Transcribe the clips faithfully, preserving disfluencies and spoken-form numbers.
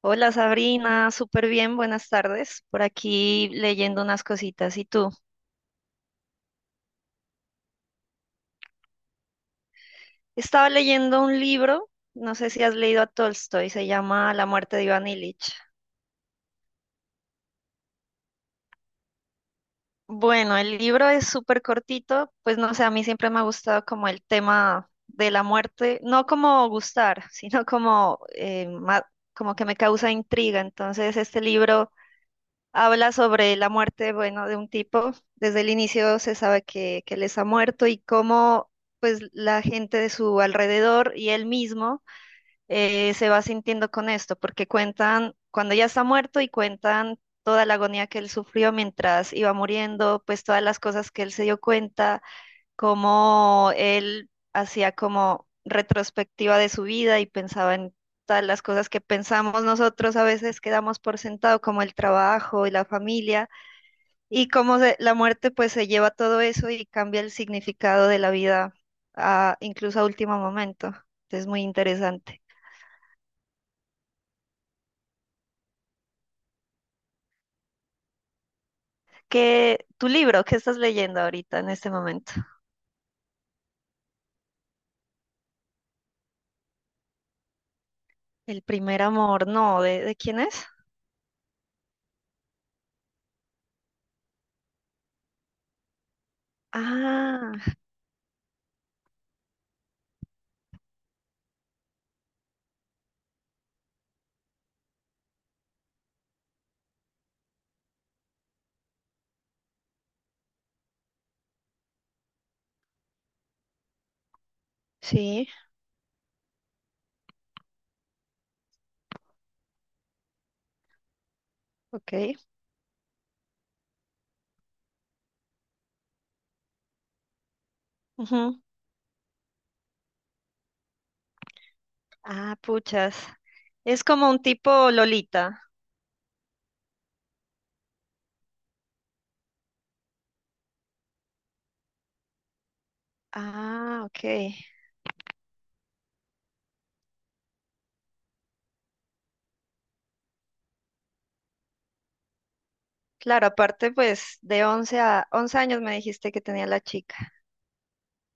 Hola Sabrina, súper bien, buenas tardes. Por aquí leyendo unas cositas. ¿Y tú? Estaba leyendo un libro, no sé si has leído a Tolstoy, se llama La muerte de Iván Ilich. Bueno, el libro es súper cortito, pues no sé, a mí siempre me ha gustado como el tema de la muerte, no como gustar, sino como, eh, ma- como que me causa intriga. Entonces este libro... habla sobre la muerte, bueno, de un tipo. Desde el inicio se sabe que, que él está muerto y cómo, pues, la gente de su alrededor y él mismo eh, se va sintiendo con esto, porque cuentan cuando ya está muerto y cuentan toda la agonía que él sufrió mientras iba muriendo, pues todas las cosas que él se dio cuenta cómo él hacía como retrospectiva de su vida y pensaba en todas las cosas que pensamos nosotros a veces quedamos por sentado, como el trabajo y la familia, y cómo se- la muerte pues se lleva todo eso y cambia el significado de la vida a, incluso a último momento. Es muy interesante. ¿Qué, tu libro, qué estás leyendo ahorita en este momento? El primer amor, no, ¿de, de quién es? Ah, sí, ok. Ujú. Ah, puchas. Es como un tipo Lolita. Ah, ok. Claro, aparte pues de once a once años me dijiste que tenía la chica.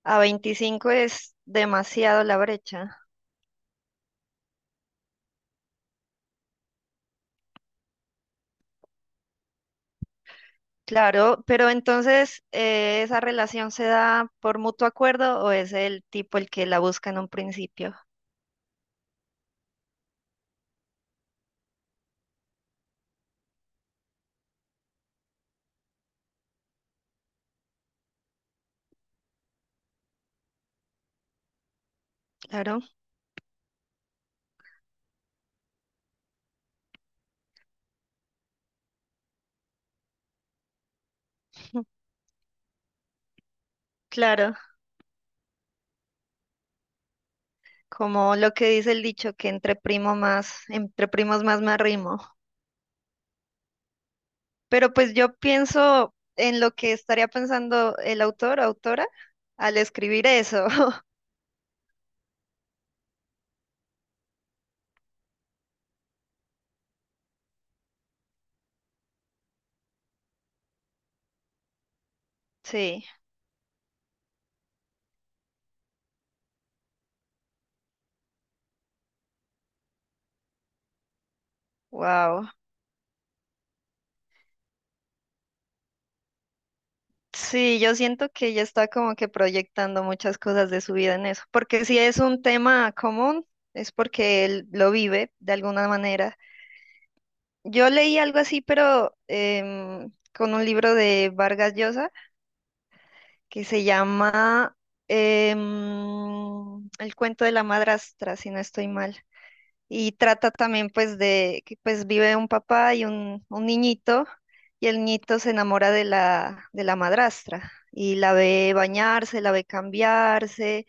A veinticinco es demasiado la brecha. Claro, pero entonces eh, ¿esa relación se da por mutuo acuerdo o es el tipo el que la busca en un principio? Claro, claro. Como lo que dice el dicho que entre primo más, entre primos más me arrimo. Pero pues yo pienso en lo que estaría pensando el autor o autora al escribir eso. Sí, wow. Sí, yo siento que ella está como que proyectando muchas cosas de su vida en eso, porque si es un tema común, es porque él lo vive de alguna manera. Yo leí algo así, pero em, con un libro de Vargas Llosa que se llama em, El cuento de la madrastra, si no estoy mal, y trata también pues de que pues vive un papá y un, un niñito y el niñito se enamora de la, de la madrastra y la ve bañarse, la ve cambiarse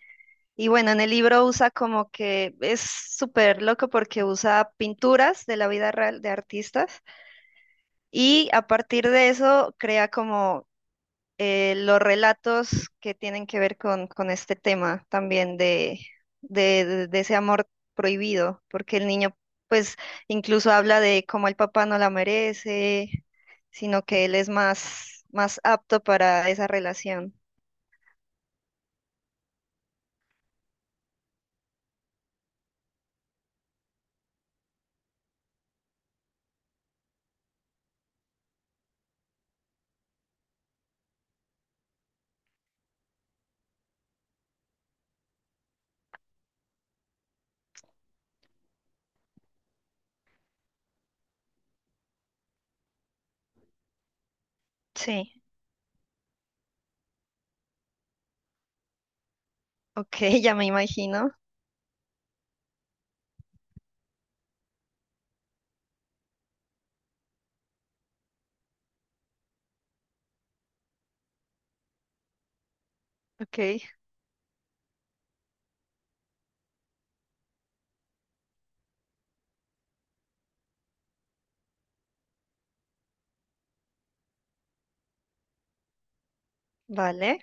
y bueno, en el libro usa como que es súper loco porque usa pinturas de la vida real de artistas y a partir de eso crea como eh, los relatos que tienen que ver con, con este tema también de, de, de- de ese amor prohibido, porque el niño pues incluso habla de cómo el papá no la merece, sino que él es más, más apto para esa relación. Sí, ok, ya me imagino. Ok, vale.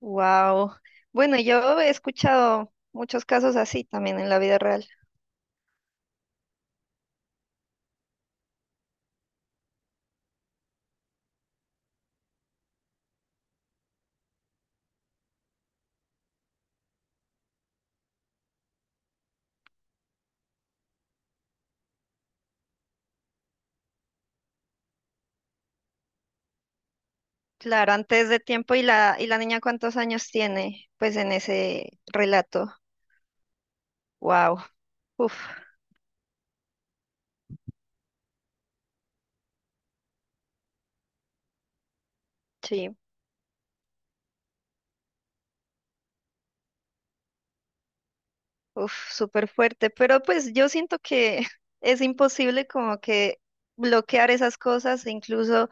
Wow. Bueno, yo he escuchado muchos casos así también en la vida real. Claro, antes de tiempo y la y la niña cuántos años tiene, pues en ese relato. Wow. Uf, sí, uf, súper fuerte. Pero pues yo siento que es imposible como que bloquear esas cosas, e incluso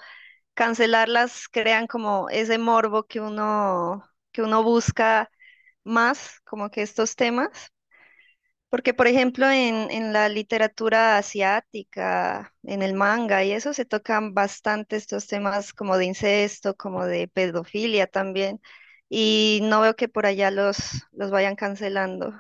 cancelarlas, crean como ese morbo que uno que uno busca más, como que estos temas. Porque, por ejemplo, en, en la literatura asiática, en el manga y eso, se tocan bastante estos temas como de incesto, como de pedofilia también. Y no veo que por allá los, los vayan cancelando.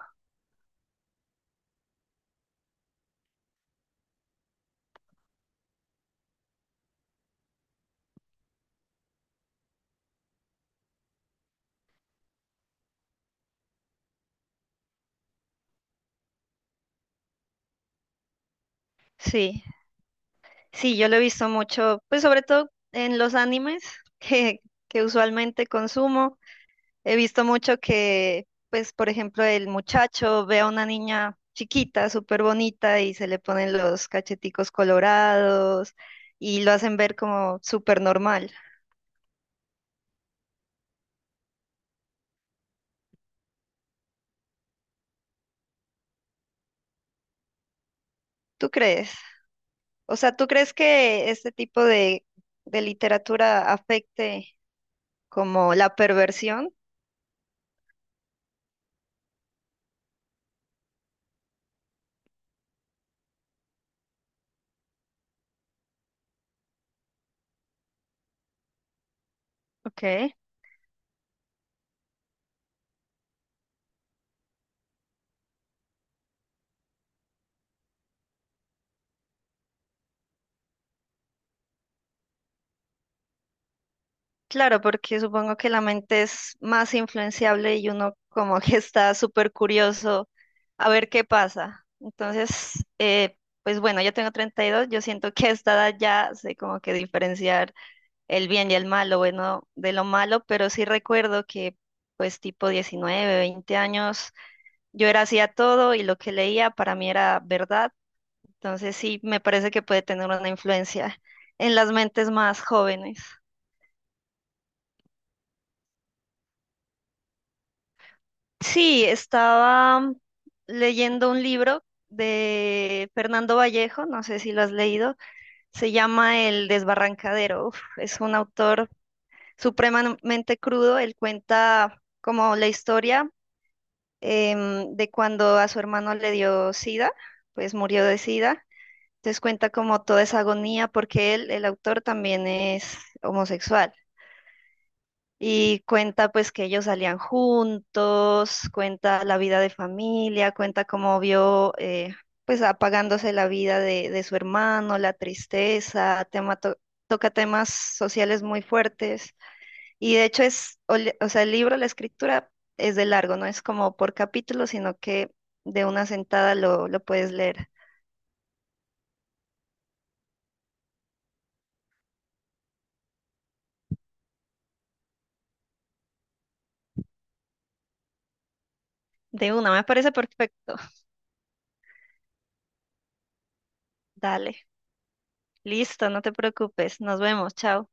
Sí, sí, yo lo he visto mucho, pues sobre todo en los animes que, que usualmente consumo. He visto mucho que, pues, por ejemplo, el muchacho ve a una niña chiquita, súper bonita, y se le ponen los cacheticos colorados y lo hacen ver como súper normal. ¿Tú crees? O sea, ¿tú crees que este tipo de, de literatura afecte como la perversión? Ok. Claro, porque supongo que la mente es más influenciable y uno como que está súper curioso a ver qué pasa. Entonces, eh, pues bueno, yo tengo treinta y dos, yo siento que a esta edad ya sé como que diferenciar el bien y el mal, lo bueno de lo malo, pero sí recuerdo que pues tipo diecinueve, veinte años, yo era así a todo y lo que leía para mí era verdad. Entonces sí, me parece que puede tener una influencia en las mentes más jóvenes. Sí, estaba leyendo un libro de Fernando Vallejo, no sé si lo has leído, se llama El Desbarrancadero. Uf, es un autor supremamente crudo, él cuenta como la historia em, de cuando a su hermano le dio SIDA, pues murió de SIDA. Entonces cuenta como toda esa agonía porque él, el autor, también es homosexual. Y cuenta pues que ellos salían juntos, cuenta la vida de familia, cuenta cómo vio eh, pues apagándose la vida de, de su hermano, la tristeza, tema to- toca temas sociales muy fuertes. Y de hecho es, o, le- o sea, el libro, la escritura es de largo, no es como por capítulo, sino que de una sentada lo, lo puedes leer. De una, me parece perfecto. Dale, listo, no te preocupes, nos vemos, chao.